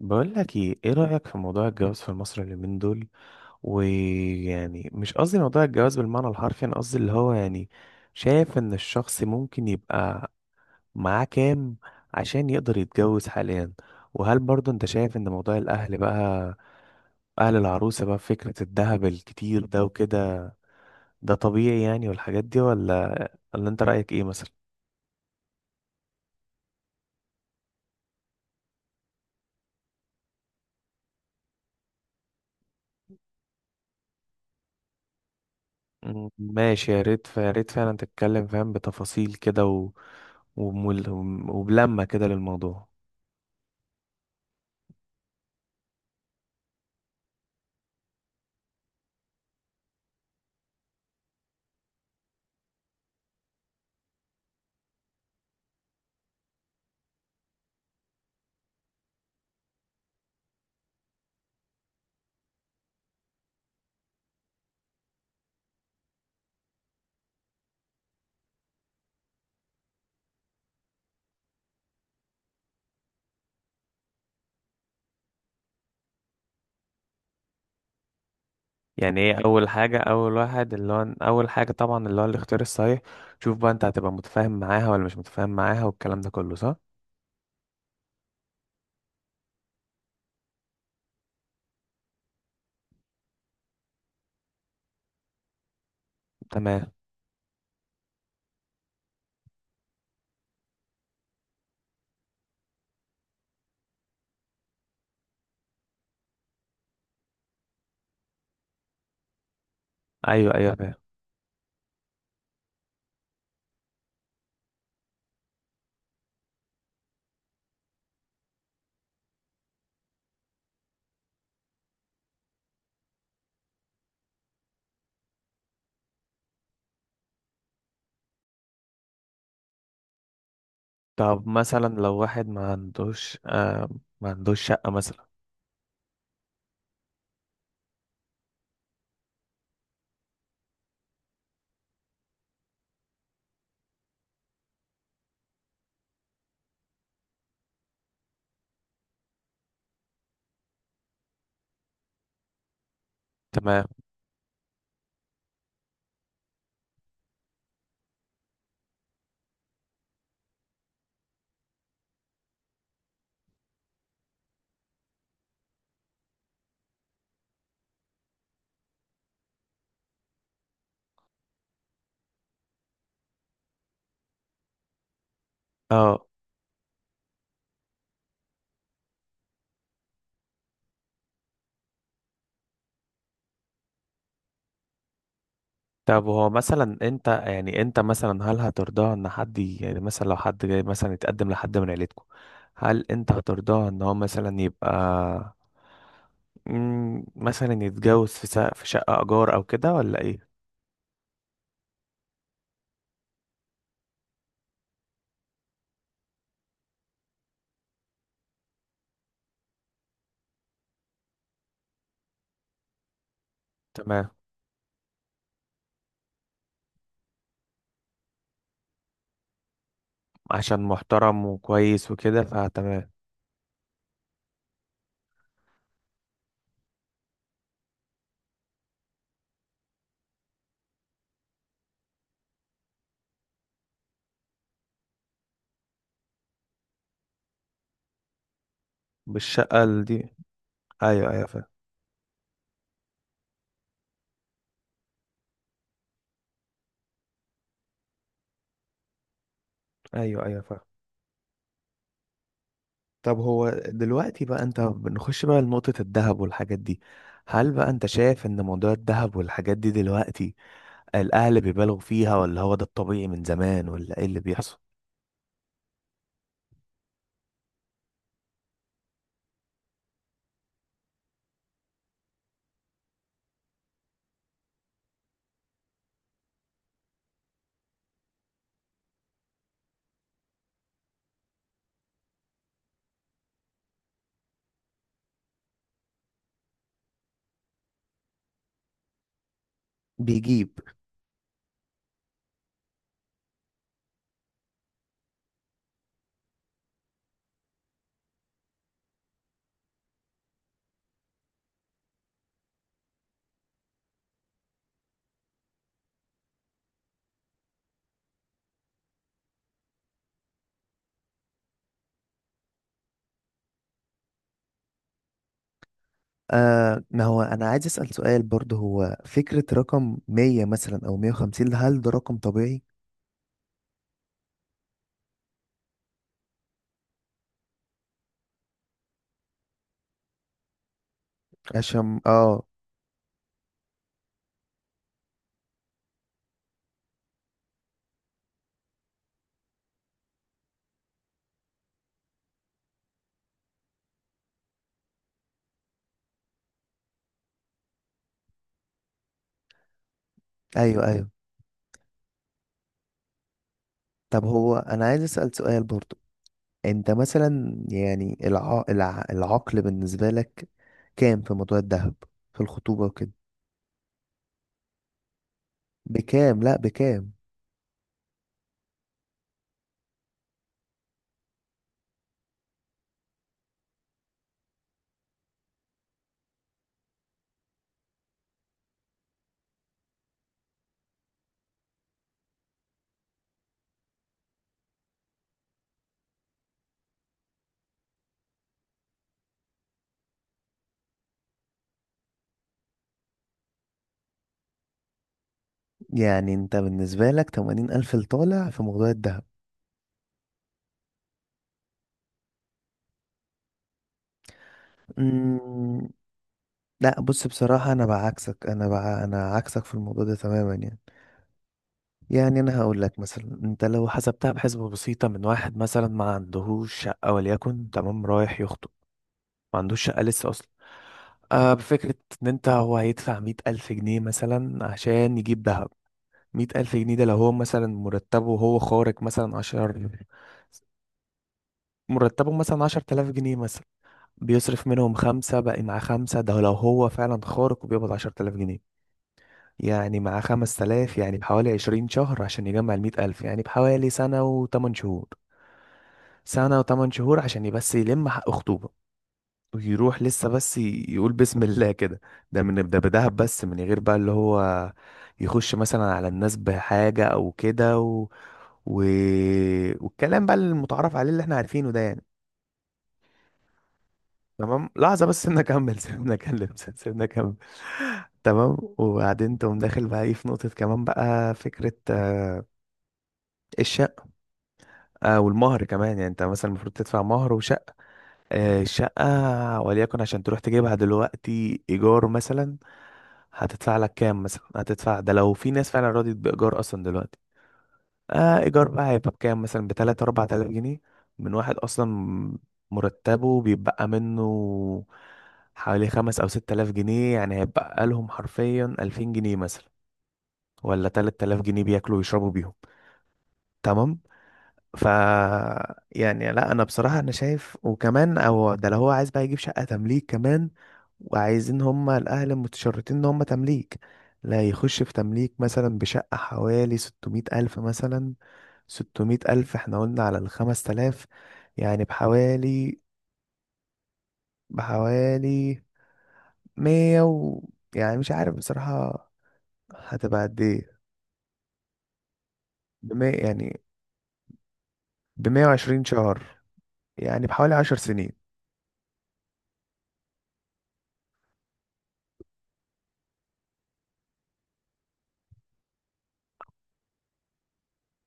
بقول لك ايه رأيك في موضوع الجواز في مصر اليومين دول؟ ويعني مش قصدي موضوع الجواز بالمعنى الحرفي، انا قصدي اللي هو يعني شايف ان الشخص ممكن يبقى معاه كام عشان يقدر يتجوز حاليا. وهل برضو انت شايف ان موضوع الاهل بقى، اهل العروسة بقى، فكرة الذهب الكتير ده وكده ده طبيعي يعني، والحاجات دي؟ ولا انت رأيك ايه مثلا؟ ماشي، يا ريت يا ريت فعلا تتكلم فاهم بتفاصيل كده ومل... وبلمة كده للموضوع. يعني ايه اول حاجه؟ اول حاجه طبعا اللي هو الاختيار الصحيح. شوف بقى، انت هتبقى متفاهم معاها ولا مش متفاهم معاها والكلام ده كله صح؟ تمام. ايوه ايوه فاهم. طب مثلا لو واحد ما عندوش آه، ما عندوش شقه مثلا. تمام. اه. طب هو مثلا، انت يعني انت مثلا، هل هترضاها ان حد يعني مثلا لو حد جاي مثلا يتقدم لحد من عيلتكم، هل انت هترضاها ان هو مثلا يبقى مثلا يتجوز في شقه ايجار او كده ولا ايه؟ تمام. عشان محترم وكويس وكده فتمام. بالشقة دي. ايوه ايوه فاهم. ايوه ايوه فاهم. طب هو دلوقتي بقى انت بنخش بقى لنقطة الذهب والحاجات دي، هل بقى انت شايف ان موضوع الذهب والحاجات دي دلوقتي الاهل بيبالغوا فيها، ولا هو ده الطبيعي من زمان، ولا ايه اللي بيحصل؟ بيجيب. آه، ما هو انا عايز اسال سؤال برضه، هو فكره رقم 100 مثلا او 150، هل ده رقم طبيعي؟ عشان اه. ايوه ايوه. طب هو انا عايز اسال سؤال برضه، انت مثلا يعني العقل بالنسبة لك كام في موضوع الذهب في الخطوبة وكده؟ بكام؟ لا، بكام؟ يعني انت بالنسبة لك تمانين ألف لطالع في موضوع الذهب؟ مم... لا بص، بصراحة أنا بعكسك، أنا عكسك في الموضوع ده تماما. يعني يعني أنا هقول لك مثلا، أنت لو حسبتها بحسبة بسيطة، من واحد مثلا ما عندهوش شقة وليكن، تمام، رايح يخطب، ما عندوش شقة لسه أصلا. آه، بفكرة إن أنت هو هيدفع مية ألف جنيه مثلا عشان يجيب دهب. مية ألف جنيه ده لو هو مثلا مرتبه وهو خارج مثلا عشر، مرتبه مثلا عشر تلاف جنيه مثلا، بيصرف منهم خمسة بقى مع خمسة. ده لو هو فعلا خارج وبيقبض عشر تلاف جنيه، يعني مع خمس تلاف يعني بحوالي عشرين شهر عشان يجمع المية ألف، يعني بحوالي سنة وتمن شهور. سنة وتمن شهور عشان بس يلم حق خطوبة، ويروح لسه بس يقول بسم الله كده. ده من ده، بدهب بس، من غير بقى اللي هو يخش مثلا على الناس بحاجة او كده و... والكلام بقى المتعارف عليه اللي احنا عارفينه ده يعني. تمام، لحظة بس سيبنا اكمل. سيبنا اكمل. تمام. وبعدين تقوم داخل بقى ايه في نقطة كمان بقى، فكرة الشقة والمهر كمان. يعني انت مثلا المفروض تدفع مهر وشقة. الشقة وليكن عشان تروح تجيبها دلوقتي ايجار مثلا، هتدفع لك كام مثلا هتدفع؟ ده لو في ناس فعلا رضيت بإيجار أصلا دلوقتي. آه، إيجار بقى هيبقى بكام؟ مثلا بتلاتة أربعة آلاف جنيه. من واحد أصلا مرتبه بيبقى منه حوالي خمس أو ست آلاف جنيه، يعني هيبقى لهم حرفيا ألفين جنيه مثلا، ولا تلات آلاف جنيه بياكلوا ويشربوا بيهم. تمام. ف يعني لا، انا بصراحه انا شايف، وكمان او ده لو هو عايز بقى يجيب شقه تمليك كمان، وعايزين هما الاهل المتشرطين ان هما تمليك، لا يخش في تمليك مثلا بشقه حوالي 600 الف مثلا. 600 الف، احنا قلنا على الخمس تلاف، يعني بحوالي 100 يعني مش عارف بصراحه هتبقى قد ايه. بمية يعني، بمية وعشرين شهر، يعني بحوالي عشر سنين.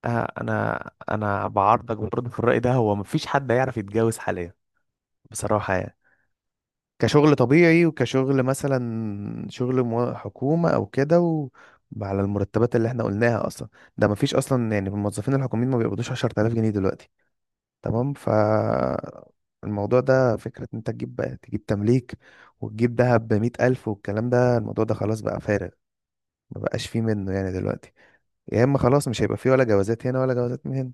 آه، انا انا بعارضك برضه في الرأي ده، هو مفيش حد هيعرف يتجوز حاليا بصراحة يعني. كشغل طبيعي، وكشغل مثلا شغل حكومة او كده على المرتبات اللي احنا قلناها اصلا، ده مفيش اصلا. يعني الموظفين الحكوميين ما بيقبضوش 10000 جنيه دلوقتي. تمام. ف الموضوع ده، فكرة ان انت تجيب بقى تجيب تمليك وتجيب دهب بمية ألف والكلام ده، الموضوع ده خلاص بقى فارغ، ما بقاش فيه منه يعني دلوقتي. يا اما خلاص مش هيبقى فيه ولا جوازات هنا ولا جوازات من هنا.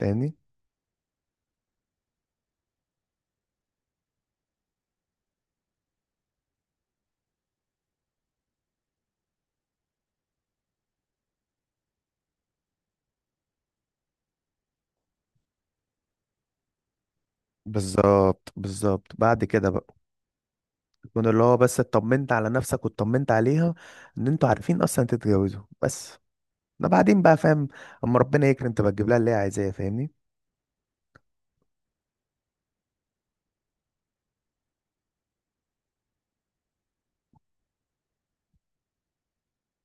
فاهمني؟ بالظبط بالظبط. بعد كده بقى يكون اللي هو بس اطمنت على نفسك واطمنت عليها ان انتوا عارفين اصلا تتجوزوا، بس ده بعدين بقى فاهم. اما ربنا يكرم تبقى تجيب لها اللي هي عايزاه، فاهمني.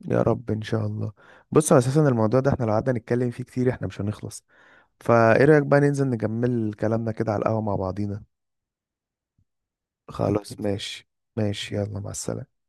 يا رب ان شاء الله. بص، هو اساسا الموضوع ده احنا لو قعدنا نتكلم فيه كتير احنا مش هنخلص، فايه رايك بقى ننزل نكمل كلامنا كده على القهوة مع بعضينا؟ خلاص ماشي. ماشي، يلا مع السلامة.